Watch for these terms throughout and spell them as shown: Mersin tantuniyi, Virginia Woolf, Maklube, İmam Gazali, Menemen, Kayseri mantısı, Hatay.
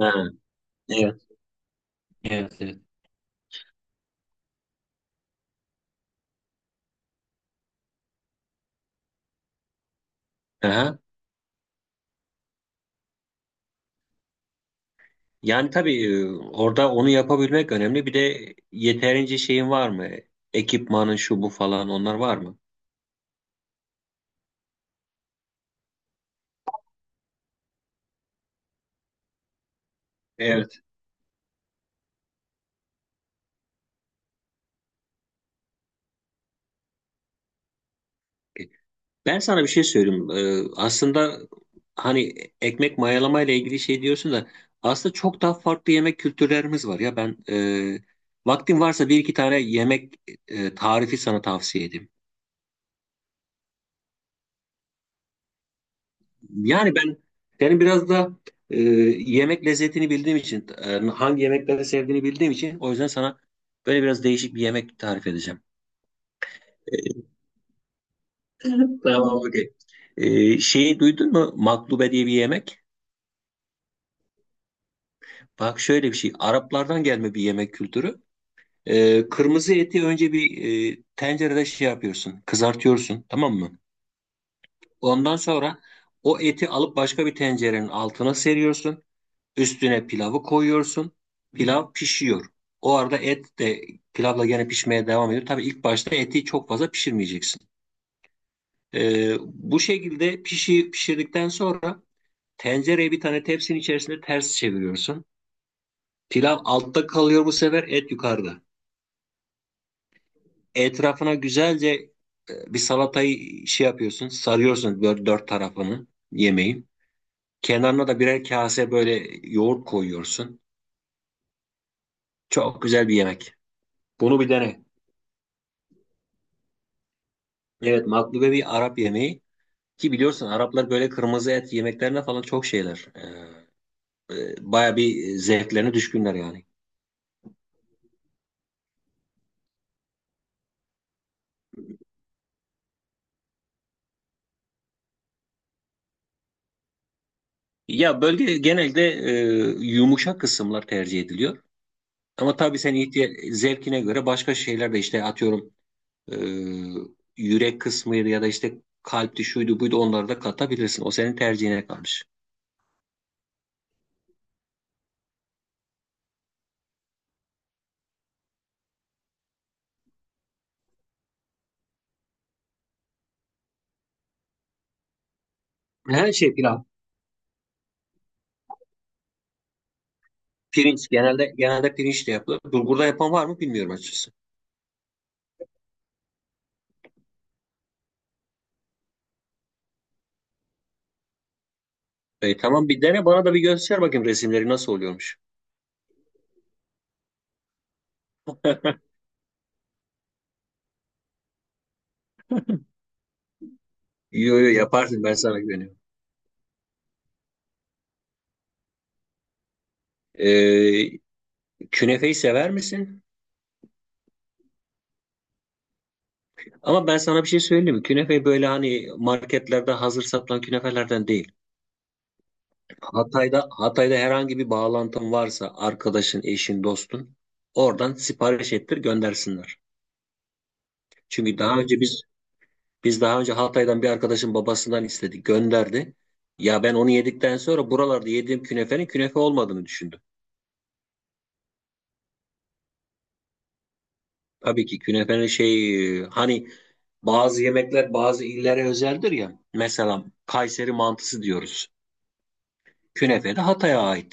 Ha, evet, evet, evet. Aha. Yani tabii orada onu yapabilmek önemli. Bir de yeterince şeyin var mı? Ekipmanın şu bu falan onlar var mı? Evet. Ben sana bir şey söyleyeyim. Aslında hani ekmek mayalama ile ilgili şey diyorsun da aslında çok daha farklı yemek kültürlerimiz var ya ben, vaktin varsa bir iki tane yemek tarifi sana tavsiye edeyim. Yani ben yani biraz da e, yemek lezzetini bildiğim için, hangi yemekleri sevdiğini bildiğim için o yüzden sana böyle biraz değişik bir yemek tarif edeceğim. Tamam, okey. Şeyi duydun mu? Maklube diye bir yemek. Bak şöyle bir şey. Araplardan gelme bir yemek kültürü. Kırmızı eti önce bir, tencerede şey yapıyorsun, kızartıyorsun, tamam mı? Ondan sonra o eti alıp başka bir tencerenin altına seriyorsun. Üstüne pilavı koyuyorsun. Pilav pişiyor. O arada et de pilavla gene pişmeye devam ediyor. Tabii ilk başta eti çok fazla pişirmeyeceksin. Bu şekilde pişirdikten sonra tencereye bir tane tepsinin içerisinde ters çeviriyorsun. Pilav altta kalıyor, bu sefer et yukarıda. Etrafına güzelce bir salatayı şey yapıyorsun. Sarıyorsun böyle dört tarafını yemeğin. Kenarına da birer kase böyle yoğurt koyuyorsun. Çok güzel bir yemek. Bunu bir dene. Evet, maklube bir Arap yemeği, ki biliyorsun Araplar böyle kırmızı et yemeklerine falan çok şeyler. Baya bir zevklerine düşkünler yani. Ya bölge genelde yumuşak kısımlar tercih ediliyor. Ama tabii senin zevkine göre başka şeyler de işte atıyorum e, yürek kısmıydı ya da işte kalpti şuydu buydu onları da katabilirsin. O senin tercihine kalmış. Her şey pilav. Pirinç genelde pirinç de yapılır. Bulgurda yapan var mı bilmiyorum açıkçası. Tamam, bir dene bana da bir göster bakayım resimleri nasıl oluyormuş. Yo yo, yaparsın, ben sana güveniyorum. E, Künefeyi sever misin? Ama ben sana bir şey söyleyeyim mi? Künefe böyle hani marketlerde hazır satılan künefelerden değil. Hatay'da herhangi bir bağlantın varsa arkadaşın, eşin, dostun oradan sipariş ettir, göndersinler. Çünkü daha önce biz daha önce Hatay'dan bir arkadaşın babasından istedik, gönderdi. Ya ben onu yedikten sonra buralarda yediğim künefenin künefe olmadığını düşündüm. Tabii ki künefenin şey, hani bazı yemekler bazı illere özeldir ya. Mesela Kayseri mantısı diyoruz. Künefe de Hatay'a ait.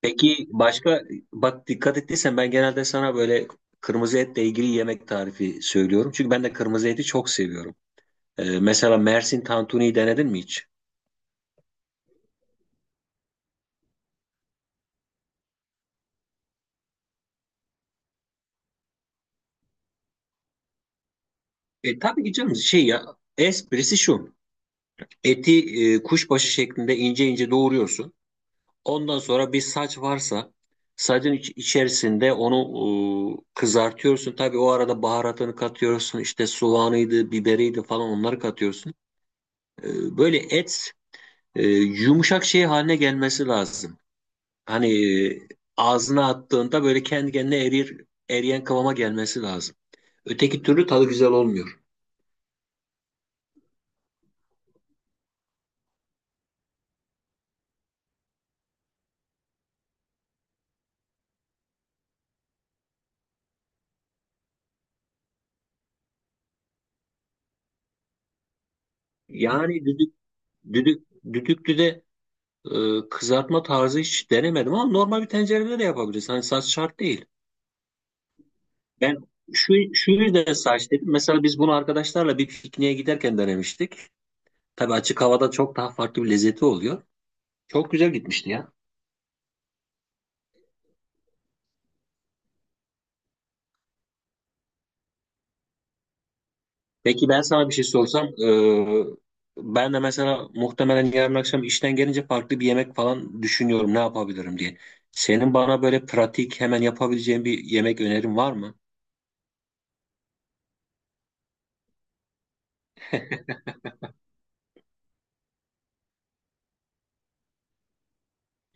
Peki başka, bak dikkat ettiysen ben genelde sana böyle kırmızı etle ilgili yemek tarifi söylüyorum. Çünkü ben de kırmızı eti çok seviyorum. Mesela Mersin tantuniyi denedin mi hiç? Tabii ki canım, şey ya, esprisi şu. Eti kuşbaşı şeklinde ince ince doğruyorsun. Ondan sonra bir saç varsa sacın içerisinde onu kızartıyorsun. Tabii o arada baharatını katıyorsun. İşte soğanıydı, biberiydi falan onları katıyorsun. Böyle et yumuşak şey haline gelmesi lazım. Hani e, ağzına attığında böyle kendi kendine eriyen kıvama gelmesi lazım. Öteki türlü tadı güzel olmuyor. Yani düdük, düdüklü de kızartma tarzı hiç denemedim ama normal bir tencerede de yapabilirsin. Hani saç şart değil. Ben şu yüzden saç dedim. Mesela biz bunu arkadaşlarla bir pikniğe giderken denemiştik. Tabii açık havada çok daha farklı bir lezzeti oluyor. Çok güzel gitmişti ya. Peki ben sana bir şey sorsam, ben de mesela muhtemelen yarın akşam işten gelince farklı bir yemek falan düşünüyorum ne yapabilirim diye. Senin bana böyle pratik hemen yapabileceğin bir yemek önerin var mı?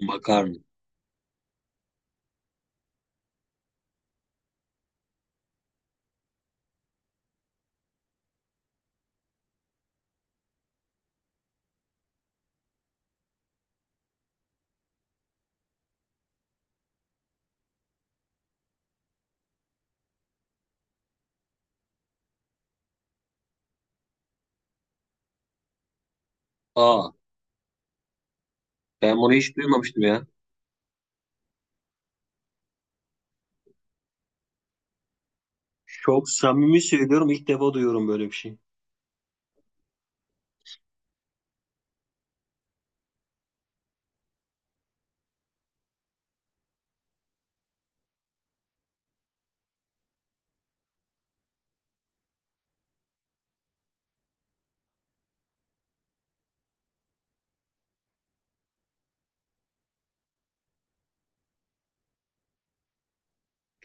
Makarna. Aa, ben bunu hiç duymamıştım ya. Çok samimi söylüyorum, ilk defa duyuyorum böyle bir şey.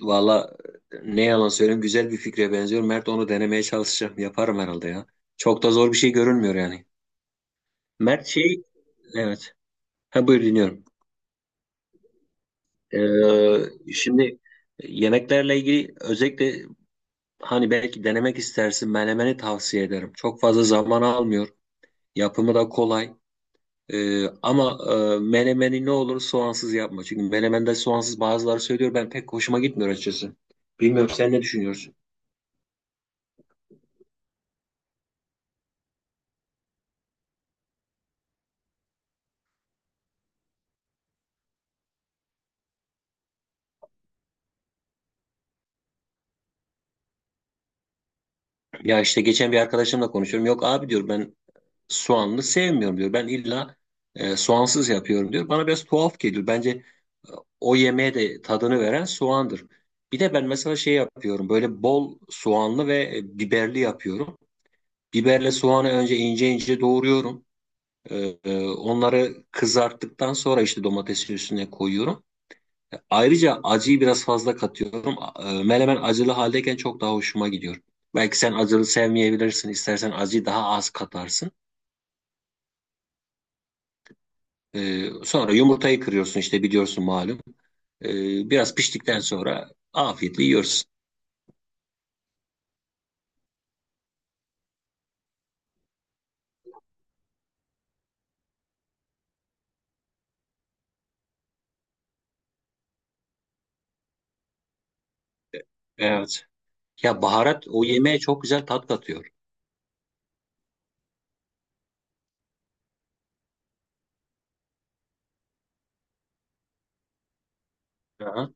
Valla, ne yalan söyleyeyim, güzel bir fikre benziyor. Mert, onu denemeye çalışacağım. Yaparım herhalde ya. Çok da zor bir şey görünmüyor yani. Mert şey, evet. Ha, buyur dinliyorum. Şimdi yemeklerle ilgili özellikle hani belki denemek istersin, menemeni tavsiye ederim. Çok fazla zaman almıyor. Yapımı da kolay. Ama menemeni ne olur soğansız yapma. Çünkü menemende soğansız, bazıları söylüyor, ben pek hoşuma gitmiyor açıkçası. Bilmiyorum, sen ne düşünüyorsun? Ya işte geçen bir arkadaşımla konuşuyorum. Yok abi diyor, ben soğanlı sevmiyorum diyor. Ben illa soğansız yapıyorum diyor. Bana biraz tuhaf geliyor. Bence o yemeğe de tadını veren soğandır. Bir de ben mesela şey yapıyorum. Böyle bol soğanlı ve biberli yapıyorum. Biberle soğanı önce ince ince doğruyorum. E, Onları kızarttıktan sonra işte domatesin üstüne koyuyorum. Ayrıca acıyı biraz fazla katıyorum. Menemen acılı haldeyken çok daha hoşuma gidiyor. Belki sen acılı sevmeyebilirsin. İstersen acıyı daha az katarsın. Sonra yumurtayı kırıyorsun işte, biliyorsun malum. E, Biraz piştikten sonra afiyetle yiyorsun. Evet. Ya baharat o yemeğe çok güzel tat katıyor. Aha.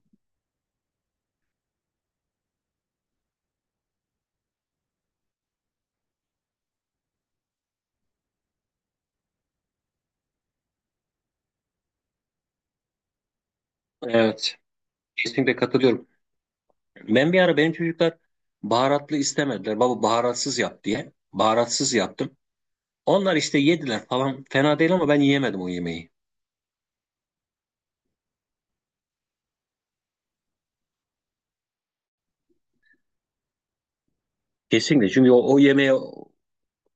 Evet. Kesinlikle katılıyorum. Ben bir ara, benim çocuklar baharatlı istemediler. Baba baharatsız yap diye. Baharatsız yaptım. Onlar işte yediler falan. Fena değil ama ben yiyemedim o yemeği. Kesinlikle, çünkü o yemeğe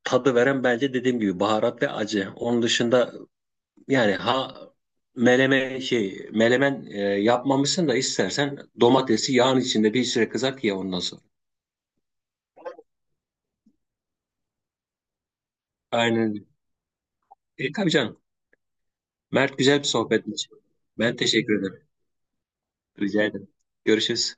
tadı veren bence dediğim gibi baharat ve acı. Onun dışında yani ha, melemen yapmamışsın da istersen domatesi yağın içinde bir süre kızart ye ondan sonra. Aynen. Öyle. Tabii canım. Mert, güzel bir sohbetmiş. Ben teşekkür ederim. Rica ederim. Görüşürüz.